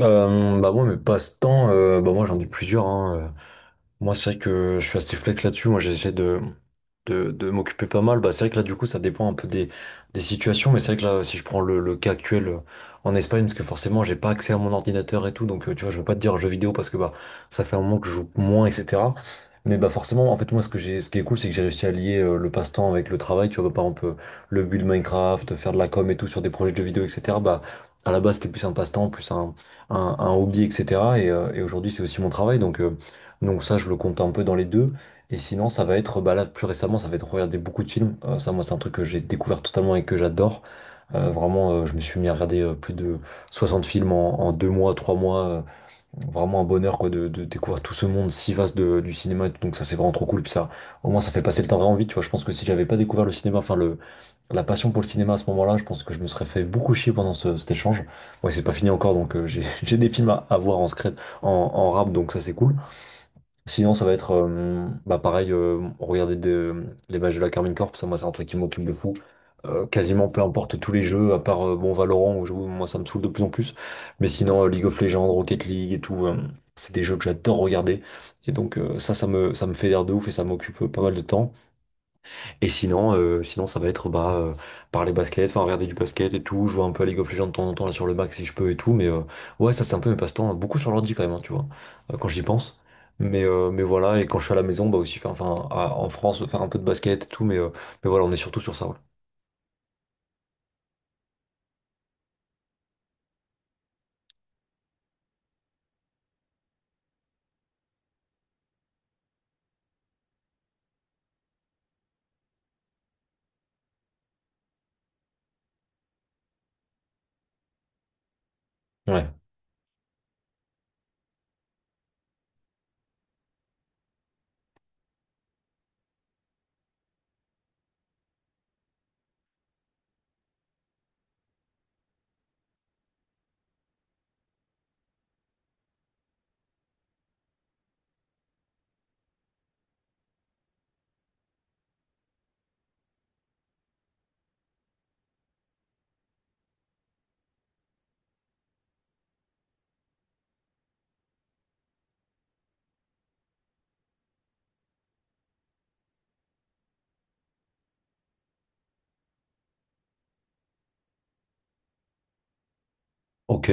Bah moi mes passe-temps, bah moi j'en ai plusieurs hein. Moi, c'est vrai que je suis assez flex là-dessus. Moi, j'essaie de m'occuper pas mal. Bah, c'est vrai que là, du coup, ça dépend un peu des situations. Mais c'est vrai que là, si je prends le cas actuel en Espagne, parce que forcément, j'ai pas accès à mon ordinateur et tout. Donc, tu vois, je veux pas te dire jeux vidéo parce que bah, ça fait un moment que je joue moins, etc. Mais bah, forcément, en fait, moi, ce que j'ai, ce qui est cool, c'est que j'ai réussi à lier le passe-temps avec le travail. Tu vois, bah, par exemple, le build Minecraft, faire de la com et tout sur des projets de jeux vidéo, etc. Bah, à la base, c'était plus un passe-temps, plus un hobby, etc. Et aujourd'hui, c'est aussi mon travail. Donc ça, je le compte un peu dans les deux. Et sinon, ça va être, bah là, plus récemment, ça va être regarder beaucoup de films. Ça, moi, c'est un truc que j'ai découvert totalement et que j'adore. Vraiment, je me suis mis à regarder plus de 60 films en deux mois, trois mois. Vraiment un bonheur, quoi, de découvrir tout ce monde si vaste du cinéma. Et tout. Donc ça, c'est vraiment trop cool. Puis ça, au moins, ça fait passer le temps vraiment vite. Tu vois, je pense que si j'avais pas découvert le cinéma, enfin la passion pour le cinéma à ce moment-là, je pense que je me serais fait beaucoup chier pendant cet échange. Ouais, c'est pas fini encore, donc j'ai j'ai des films à voir en secret, en rap, donc ça, c'est cool. Sinon, ça va être bah, pareil, regarder les matchs de la Carmine Corp, ça, moi, c'est un truc qui m'occupe de fou. Quasiment peu importe tous les jeux, à part bon Valorant, où moi, ça me saoule de plus en plus. Mais sinon, League of Legends, Rocket League et tout, c'est des jeux que j'adore regarder. Et donc, ça me fait l'air de ouf et ça m'occupe pas mal de temps. Et sinon ça va être bah, parler basket, enfin regarder du basket et tout, jouer un peu à League of Legends de temps en temps là sur le Mac si je peux et tout, mais ouais ça c'est un peu mes passe-temps, hein, beaucoup sur l'ordi quand même, hein, tu vois, quand j'y pense. Mais voilà, et quand je suis à la maison, bah aussi faire, enfin en France, faire un peu de basket et tout, mais voilà, on est surtout sur ça, ouais. Ouais. Ok.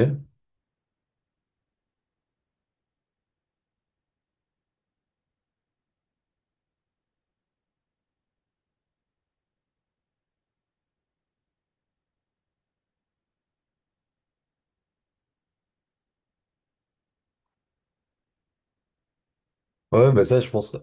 Ouais, bah ça je pense.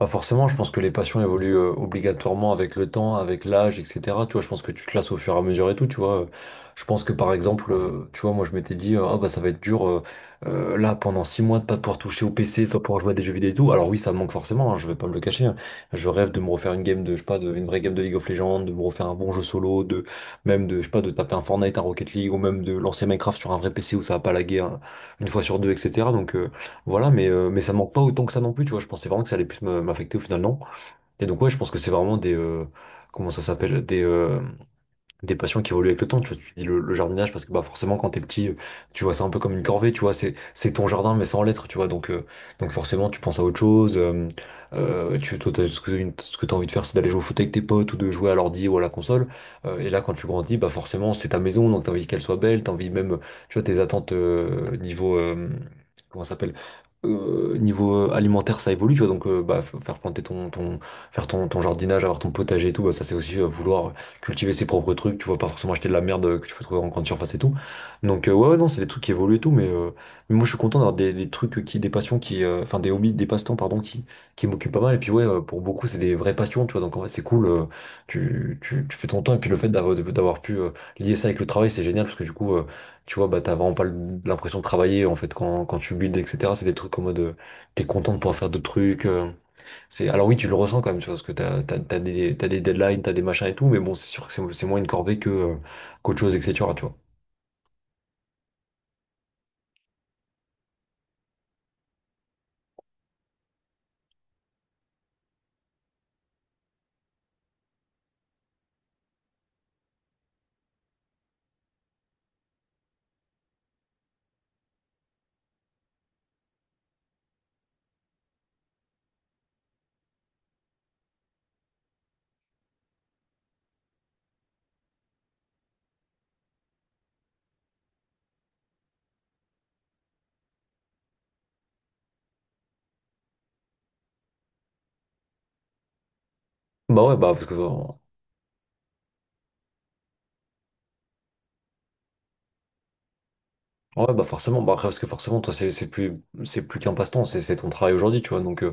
Bah forcément, je pense que les passions évoluent obligatoirement avec le temps, avec l'âge, etc. Tu vois, je pense que tu te lasses au fur et à mesure et tout, tu vois. Je pense que par exemple, tu vois, moi je m'étais dit, ah bah ça va être dur là pendant six mois de pas pouvoir toucher au PC, de pas pouvoir jouer à des jeux vidéo et tout. Alors oui, ça me manque forcément, hein, je vais pas me le cacher. Hein. Je rêve de me refaire une game de, je sais pas, de, une vraie game de League of Legends, de me refaire un bon jeu solo, de même de, je sais pas, de taper un Fortnite, un Rocket League, ou même de lancer Minecraft sur un vrai PC où ça va pas laguer hein, une fois sur deux, etc. Donc, voilà, mais ça manque pas autant que ça non plus, tu vois. Je pensais vraiment que ça allait plus m'affecter au final, non. Et donc, ouais, je pense que c'est vraiment des. Comment ça s'appelle? Des. Des passions qui évoluent avec le temps, tu vois, tu dis le jardinage parce que bah forcément quand t'es petit, tu vois c'est un peu comme une corvée, tu vois, c'est ton jardin mais sans l'être, tu vois, donc donc forcément tu penses à autre chose, tu toi, ce que t'as envie de faire c'est d'aller jouer au foot avec tes potes ou de jouer à l'ordi ou à la console. Et là quand tu grandis bah forcément c'est ta maison donc t'as envie qu'elle soit belle, t'as envie même tu vois tes attentes niveau comment ça s'appelle niveau alimentaire, ça évolue, tu vois. Donc, bah, faire planter faire ton jardinage, avoir ton potager et tout, bah, ça, c'est aussi vouloir cultiver ses propres trucs, tu vois, pas forcément acheter de la merde que tu peux trouver en grande surface et tout. Donc, ouais, ouais, non, c'est des trucs qui évoluent et tout, mais moi je suis content d'avoir des trucs qui, des passions qui, enfin des hobbies, des passe-temps, pardon, qui m'occupent pas mal. Et puis ouais, pour beaucoup, c'est des vraies passions, tu vois, donc en fait c'est cool, tu fais ton temps, et puis le fait d'avoir pu lier ça avec le travail, c'est génial, parce que du coup, tu vois, bah t'as vraiment pas l'impression de travailler en fait quand tu builds, etc. C'est des trucs en mode t'es content de pouvoir faire d'autres trucs. C'est, alors oui, tu le ressens quand même, tu vois, parce que t'as des deadlines, t'as des machins et tout, mais bon, c'est sûr que c'est moins une corvée que, qu'autre chose, etc., tu vois. Bah ouais, bah parce que ouais, bah forcément, bah après, parce que forcément, toi, c'est plus qu'un passe-temps, c'est ton travail aujourd'hui, tu vois.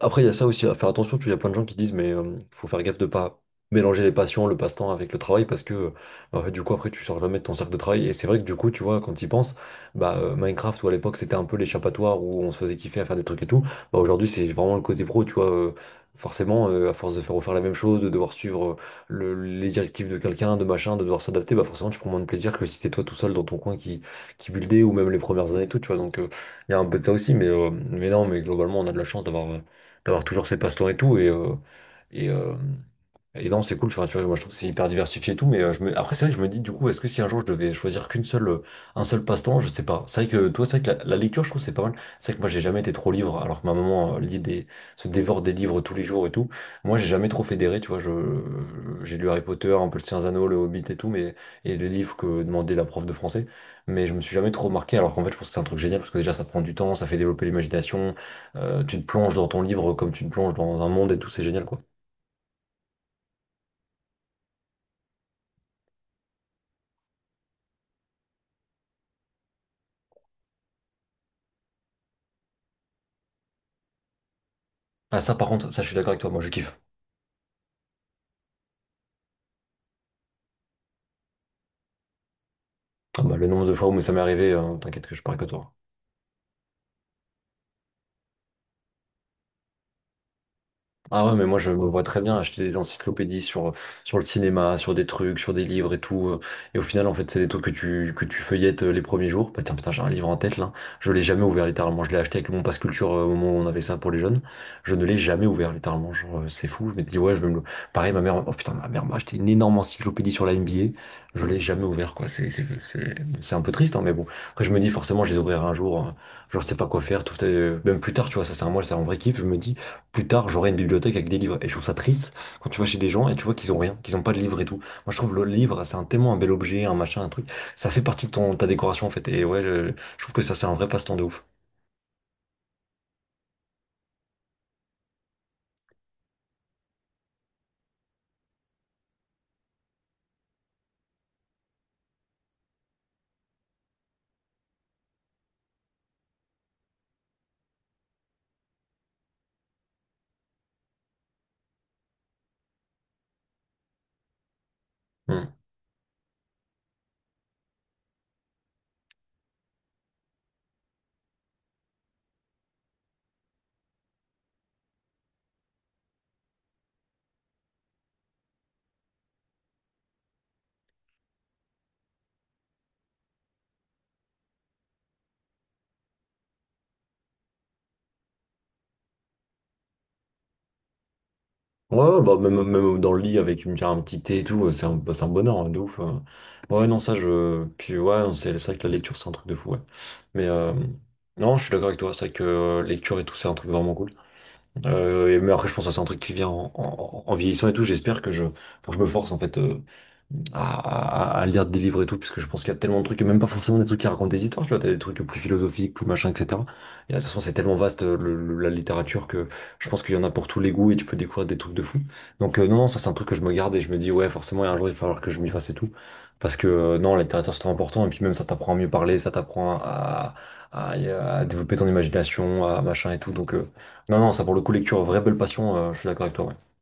Après, il y a ça aussi à faire attention. Tu vois, il y a plein de gens qui disent, mais faut faire gaffe de pas mélanger les passions, le passe-temps avec le travail, parce que en fait, du coup, après, tu sors jamais de ton cercle de travail. Et c'est vrai que du coup, tu vois, quand tu y penses, bah, Minecraft, où à l'époque, c'était un peu l'échappatoire où on se faisait kiffer à faire des trucs et tout, bah, aujourd'hui, c'est vraiment le côté pro, tu vois. Forcément, à force de faire refaire la même chose, de devoir suivre les directives de quelqu'un, de machin, de devoir s'adapter, bah, forcément, tu prends moins de plaisir que si t'es toi tout seul dans ton coin qui buildait, ou même les premières années et tout, tu vois. Il y a un peu de ça aussi, mais non, mais globalement, on a de la chance d'avoir toujours ses passe-temps et tout. Et, euh, et non, c'est cool, tu vois, moi je trouve que c'est hyper diversifié et tout, mais je me... après c'est vrai que je me dis du coup, est-ce que si un jour je devais choisir qu'une seule, un seul passe-temps, je sais pas. C'est vrai que toi, c'est vrai que la lecture, je trouve que c'est pas mal. C'est vrai que moi j'ai jamais été trop livre, alors que ma maman lit des... se dévore des livres tous les jours et tout. Moi j'ai jamais trop fédéré, tu vois, je... j'ai lu Harry Potter, un peu le Seigneur des Anneaux, le Hobbit et tout, mais et les livres que demandait la prof de français, mais je me suis jamais trop marqué, alors qu'en fait je pense que c'est un truc génial parce que déjà ça te prend du temps, ça fait développer l'imagination, tu te plonges dans ton livre comme tu te plonges dans un monde et tout, c'est génial quoi. Ah ça par contre, ça je suis d'accord avec toi, moi je kiffe. Ah bah, le nombre de fois où ça m'est arrivé, t'inquiète que je parle que toi. Ah ouais, mais moi je me vois très bien acheter des encyclopédies sur le cinéma, sur des trucs, sur des livres et tout. Et au final, en fait, c'est des trucs que tu feuillettes les premiers jours. Bah tiens, putain, j'ai un livre en tête là. Je l'ai jamais ouvert littéralement. Je l'ai acheté avec mon pass culture au moment où on avait ça pour les jeunes. Je ne l'ai jamais ouvert littéralement. Genre, c'est fou. Je m'étais dit, ouais, je vais me le. Pareil, ma mère, oh putain, ma mère m'a acheté une énorme encyclopédie sur la NBA. Je l'ai jamais ouvert, quoi. C'est un peu triste, hein, mais bon. Après, je me dis, forcément, je les ouvrirai un jour. Hein. Genre, je sais pas quoi faire. Tout, même plus tard, tu vois, ça, c'est un mois, c'est un vrai kiff. Je me dis plus tard, j'aurai une bibliothèque avec des livres. Et je trouve ça triste quand tu vas chez des gens et tu vois qu'ils ont rien, qu'ils ont pas de livres et tout. Moi, je trouve le livre, c'est un, tellement un bel objet, un machin, un truc. Ça fait partie de ta décoration, en fait. Et ouais, je trouve que ça, c'est un vrai passe-temps de ouf. Hmm. Ouais, ouais, bah, même, même dans le lit avec un petit thé et tout, bah, c'est un bonheur, hein, de ouf. Bah, ouais, non, ça, je. Puis ouais, non, c'est vrai que la lecture, c'est un truc de fou, ouais. Mais non, je suis d'accord avec toi, c'est vrai que lecture et tout, c'est un truc vraiment cool. Mais après, je pense que c'est un truc qui vient en vieillissant et tout. J'espère que je, faut que je me force, en fait. À, à lire des livres et tout, parce que je pense qu'il y a tellement de trucs, et même pas forcément des trucs qui racontent des histoires, tu vois, t'as des trucs plus philosophiques, plus machin, etc. Et de toute façon, c'est tellement vaste, la littérature, que je pense qu'il y en a pour tous les goûts, et tu peux découvrir des trucs de fou. Donc, non, non, ça c'est un truc que je me garde, et je me dis, ouais, forcément, un jour, il va falloir que je m'y fasse et tout. Parce que non, la littérature, c'est trop important, et puis même ça t'apprend à mieux parler, ça t'apprend à, à, développer ton imagination, à machin et tout. Donc, non, non, ça pour le coup, lecture, vraie belle passion, je suis d'accord avec toi. Ouais.